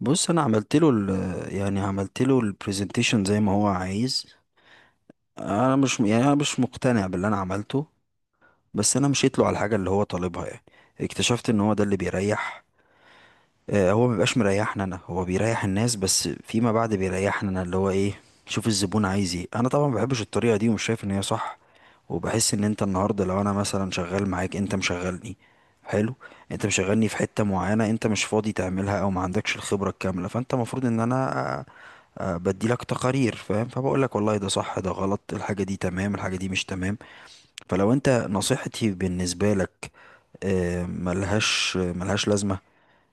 بص انا عملت له يعني عملت له البرزنتيشن زي ما هو عايز. انا مش مقتنع باللي انا عملته، بس انا مشيت له على الحاجه اللي هو طالبها يعني. اكتشفت ان هو ده اللي بيريح. هو مبيبقاش مريحنا انا، هو بيريح الناس بس فيما بعد بيريحنا انا، اللي هو ايه، شوف الزبون عايز ايه. انا طبعا ما بحبش الطريقه دي ومش شايف ان هي صح، وبحس ان انت النهارده لو انا مثلا شغال معاك انت مشغلني. حلو. انت مشغلني في حته معينه انت مش فاضي تعملها او ما عندكش الخبره الكامله، فانت المفروض ان انا بديلك تقارير، فاهم، فبقول لك والله ده صح ده غلط، الحاجه دي تمام الحاجه دي مش تمام. فلو انت، نصيحتي بالنسبه لك، ملهاش لازمه.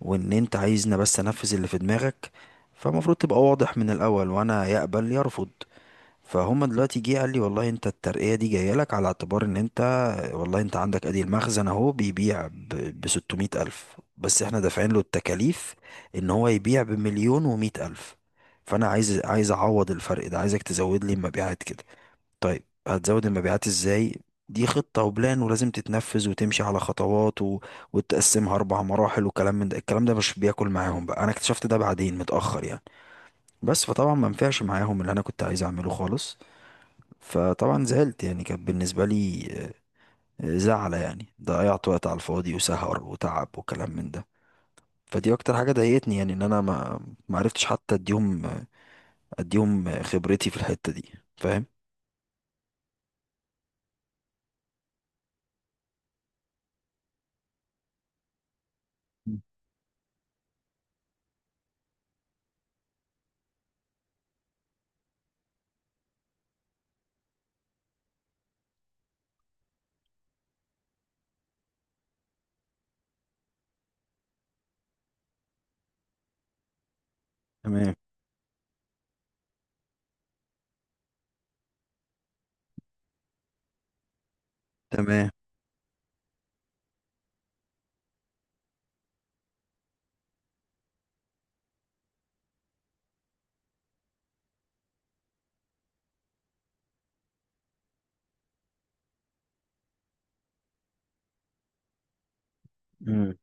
وان انت عايزني بس انفذ اللي في دماغك، فالمفروض تبقى واضح من الاول، وانا يقبل يرفض. فهم دلوقتي جه قال لي والله انت الترقية دي جاية لك على اعتبار ان انت، والله انت عندك ادي المخزن اهو بيبيع ب 600 الف، بس احنا دافعين له التكاليف ان هو يبيع بمليون ومئة الف، فانا عايز اعوض الفرق ده، عايزك تزود لي المبيعات كده. طيب هتزود المبيعات ازاي؟ دي خطة وبلان ولازم تتنفذ وتمشي على خطوات وتقسمها أربع مراحل وكلام من ده. الكلام ده مش بياكل معاهم بقى، أنا اكتشفت ده بعدين متأخر يعني، بس فطبعا ما نفعش معاهم اللي أنا كنت عايز أعمله خالص. فطبعا زعلت، يعني كانت بالنسبة لي زعلة، يعني ضيعت وقت على الفاضي وسهر وتعب وكلام من ده. فدي أكتر حاجة ضايقتني، يعني إن أنا ما عرفتش حتى أديهم، أديهم خبرتي في الحتة دي. فاهم. مم. تمام. تمام. مم.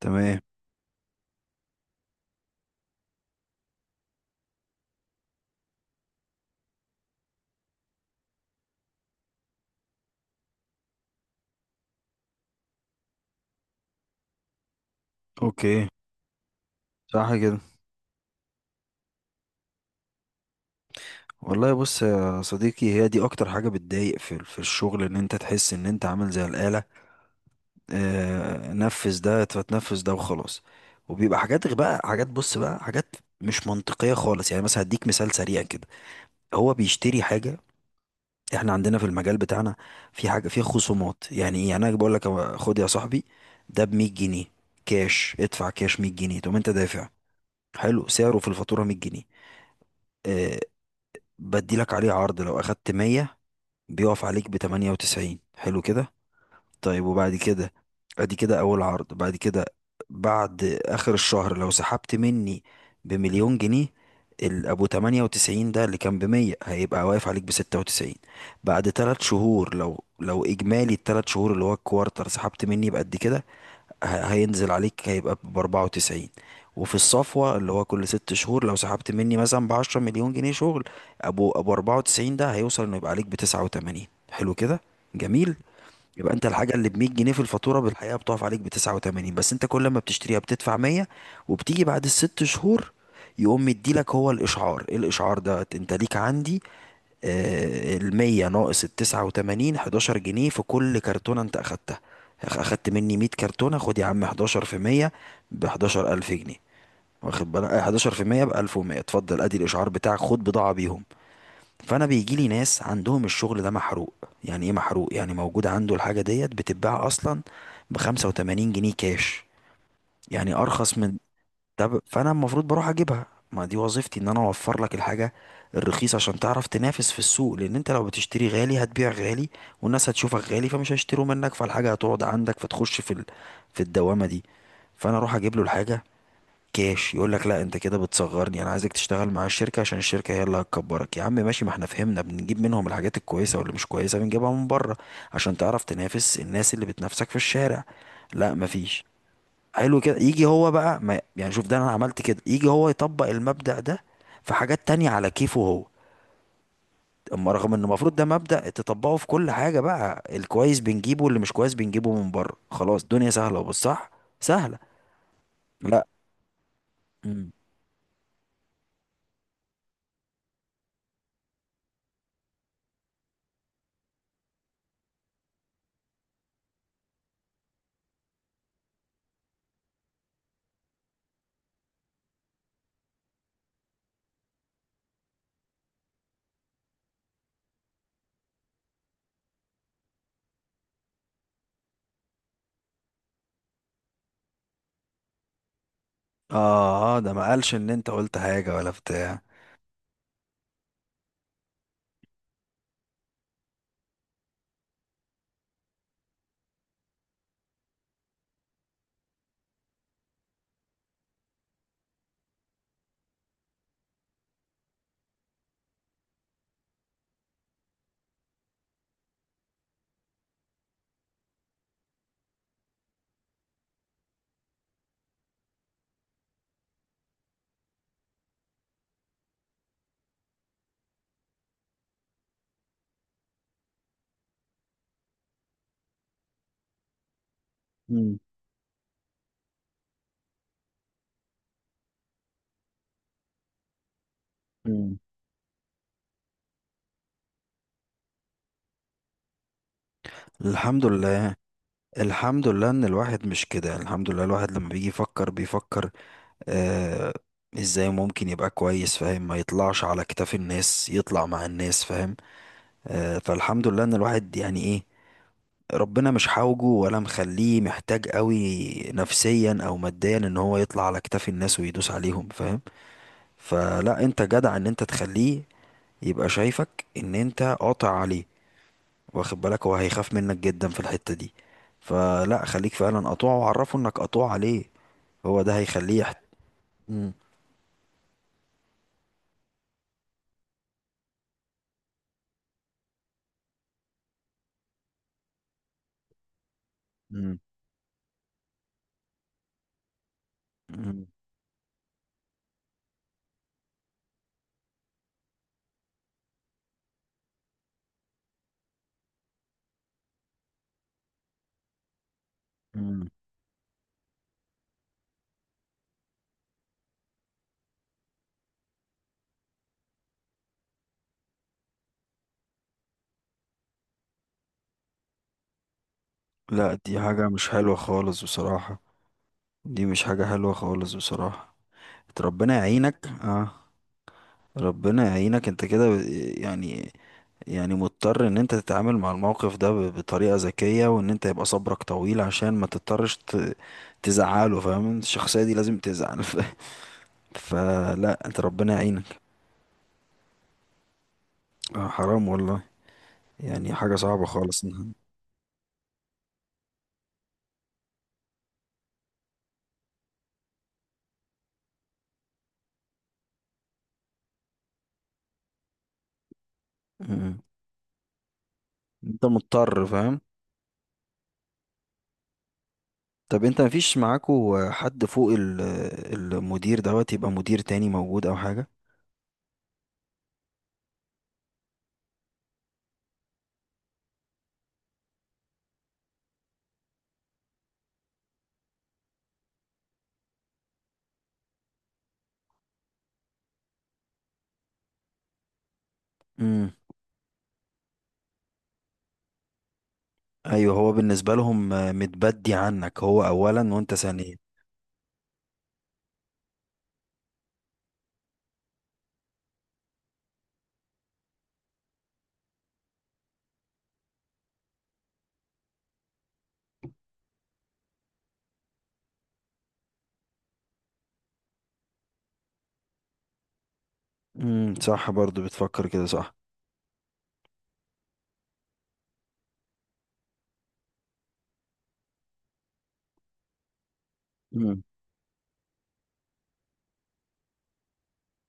تمام. اوكي. صح كده. والله بص يا صديقي، هي دي اكتر حاجة بتضايق في الشغل، ان انت تحس ان انت عامل زي الآلة. آه، نفذ ده فتنفذ ده وخلاص. وبيبقى حاجات بقى حاجات، بص بقى حاجات مش منطقية خالص. يعني مثلا هديك مثال سريع كده. هو بيشتري حاجة، احنا عندنا في المجال بتاعنا في حاجة في خصومات. يعني ايه؟ يعني انا بقول لك هو، خد يا صاحبي ده ب 100 جنيه كاش، ادفع كاش 100 جنيه تقوم انت دافع. حلو. سعره في الفاتورة 100 جنيه. آه. بدي لك عليه عرض لو اخدت 100 بيقف عليك ب 98. حلو كده. طيب وبعد كده، ادي كده اول عرض. بعد كده، بعد اخر الشهر لو سحبت مني بمليون جنيه، ابو 98 ده اللي كان ب 100 هيبقى واقف عليك ب 96. بعد 3 شهور، لو اجمالي الثلاث شهور اللي هو الكوارتر سحبت مني بقد كده، هينزل عليك هيبقى ب 94. وفي الصفوة اللي هو كل ست شهور، لو سحبت مني مثلا ب 10 مليون جنيه شغل، ابو 94 ده هيوصل انه يبقى عليك ب 89. حلو كده. جميل. يبقى انت الحاجة اللي ب 100 جنيه في الفاتورة بالحقيقة بتقف عليك ب 89، بس انت كل ما بتشتريها بتدفع 100. وبتيجي بعد الست شهور يقوم مديلك هو الاشعار. ايه الاشعار ده؟ انت ليك عندي المية ناقص التسعة وتمانين، حداشر جنيه في كل كرتونة انت اخدتها. اخدت مني مية كرتونة، خد يا عم حداشر في مية بحداشر ألف جنيه. واخد بالك؟ حداشر في مية بألف ومية. اتفضل ادي الإشعار بتاعك خد بضاعة بيهم. فأنا بيجيلي ناس عندهم الشغل ده محروق. يعني ايه محروق؟ يعني موجود عنده الحاجة ديت بتتباع أصلا بخمسة وتمانين جنيه كاش، يعني أرخص من، طب فانا المفروض بروح اجيبها، ما دي وظيفتي ان انا اوفر لك الحاجه الرخيصه عشان تعرف تنافس في السوق، لان انت لو بتشتري غالي هتبيع غالي، والناس هتشوفك غالي فمش هيشتروا منك، فالحاجه هتقعد عندك، فتخش في في الدوامه دي. فانا اروح اجيب له الحاجه كاش، يقول لك لا انت كده بتصغرني، انا عايزك تشتغل مع الشركه عشان الشركه هي اللي هتكبرك. يا عم ماشي، ما احنا فهمنا، بنجيب منهم الحاجات الكويسه، واللي مش كويسه بنجيبها من بره عشان تعرف تنافس الناس اللي بتنافسك في الشارع. لا مفيش. حلو كده. يجي هو بقى، ما يعني شوف، ده انا عملت كده، يجي هو يطبق المبدأ ده في حاجات تانية على كيفه هو اما، رغم ان المفروض ده مبدأ تطبقه في كل حاجة، بقى الكويس بنجيبه واللي مش كويس بنجيبه من بره، خلاص الدنيا سهلة. وبص، صح، سهلة. لا. مم. اه. ده ما قالش ان انت قلت حاجة ولا بتاع. مم. مم. الحمد لله. الحمد لله ان الواحد مش كده، الحمد لله، الواحد لما بيجي يفكر بيفكر آه، ازاي ممكن يبقى كويس، فاهم، ما يطلعش على كتاف الناس، يطلع مع الناس، فاهم، آه، فالحمد لله ان الواحد يعني ايه، ربنا مش حاوجه ولا مخليه محتاج قوي، نفسيا او ماديا، ان هو يطلع على كتاف الناس ويدوس عليهم، فاهم. فلا، انت جدع ان انت تخليه يبقى شايفك ان انت قاطع عليه، واخد بالك، هو هيخاف منك جدا في الحتة دي. فلا خليك فعلا قطوع، وعرفه انك قطوع عليه، هو ده هيخليه مم. مم. مم. لا دي حاجة مش حلوة خالص بصراحة، دي مش حاجة حلوة خالص بصراحة. ربنا يعينك. اه. ربنا يعينك، انت كده يعني، يعني مضطر ان انت تتعامل مع الموقف ده بطريقة ذكية، وان انت يبقى صبرك طويل عشان ما تضطرش تزعله، فاهم، الشخصية دي لازم تزعل فلا انت، ربنا يعينك. آه حرام والله. يعني حاجة صعبة خالص م- م. انت مضطر، فاهم. طب انت مفيش معاكو حد فوق المدير دوت، يبقى مدير تاني موجود او حاجة؟ امم. ايوه هو بالنسبة لهم متبدي عنك، هو اولا وانت ثانيا. امم، صح، برضو بتفكر كده، صح. مم.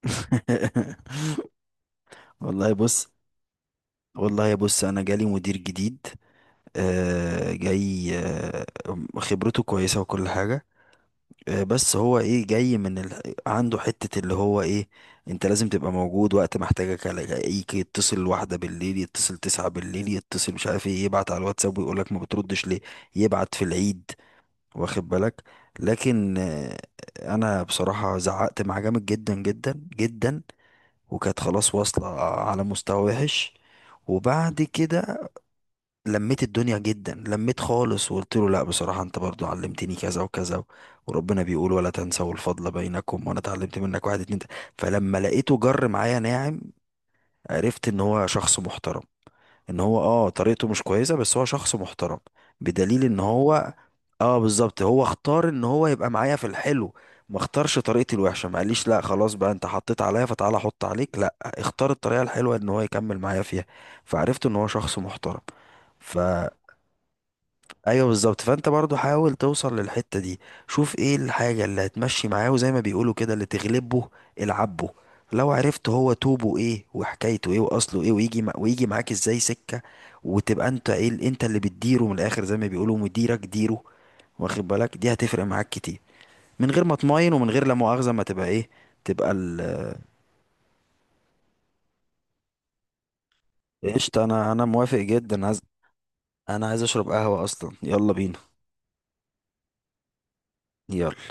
والله بص. والله بص انا جالي مدير جديد، جاي، خبرته كويسة وكل حاجة. بس هو ايه، جاي من عنده حتة اللي هو ايه، انت لازم تبقى موجود وقت ما احتاجك، الاقيك يتصل واحدة بالليل، يتصل تسعة بالليل، يتصل مش عارف ايه، يبعت على الواتساب ويقولك ما بتردش ليه، يبعت في العيد، واخد بالك. لكن انا بصراحة زعقت معاه جامد جدا جدا جدا، وكانت خلاص واصلة على مستوى وحش. وبعد كده لميت الدنيا جدا، لميت خالص، وقلت له لا بصراحة، انت برضو علمتني كذا وكذا وربنا بيقول ولا تنسوا الفضل بينكم، وانا اتعلمت منك واحد اتنين تلاتة. فلما لقيته جر معايا ناعم، عرفت ان هو شخص محترم. ان هو اه طريقته مش كويسة بس هو شخص محترم، بدليل ان هو، اه بالظبط، هو اختار ان هو يبقى معايا في الحلو. ما اختارش طريقتي الوحشة، ما قاليش لا خلاص بقى انت حطيت عليا فتعالى احط عليك، لا اختار الطريقة الحلوة ان هو يكمل معايا فيها. فعرفت ان هو شخص محترم. ف ايوه بالظبط، فانت برضو حاول توصل للحتة دي، شوف ايه الحاجة اللي هتمشي معاه، وزي ما بيقولوا كده اللي تغلبه العبه. لو عرفت هو توبه ايه وحكايته ايه واصله ايه، ويجي معاك ازاي سكة، وتبقى انت ايه انت اللي بتديره من الاخر، زي ما بيقولوا مديرك ديره، واخد بالك، دي هتفرق معاك كتير، من غير ما تماين، ومن غير لا مؤاخذة ما تبقى ايه، تبقى قشطة. انا موافق جدا، انا عايز اشرب قهوة اصلا، يلا بينا. يلا.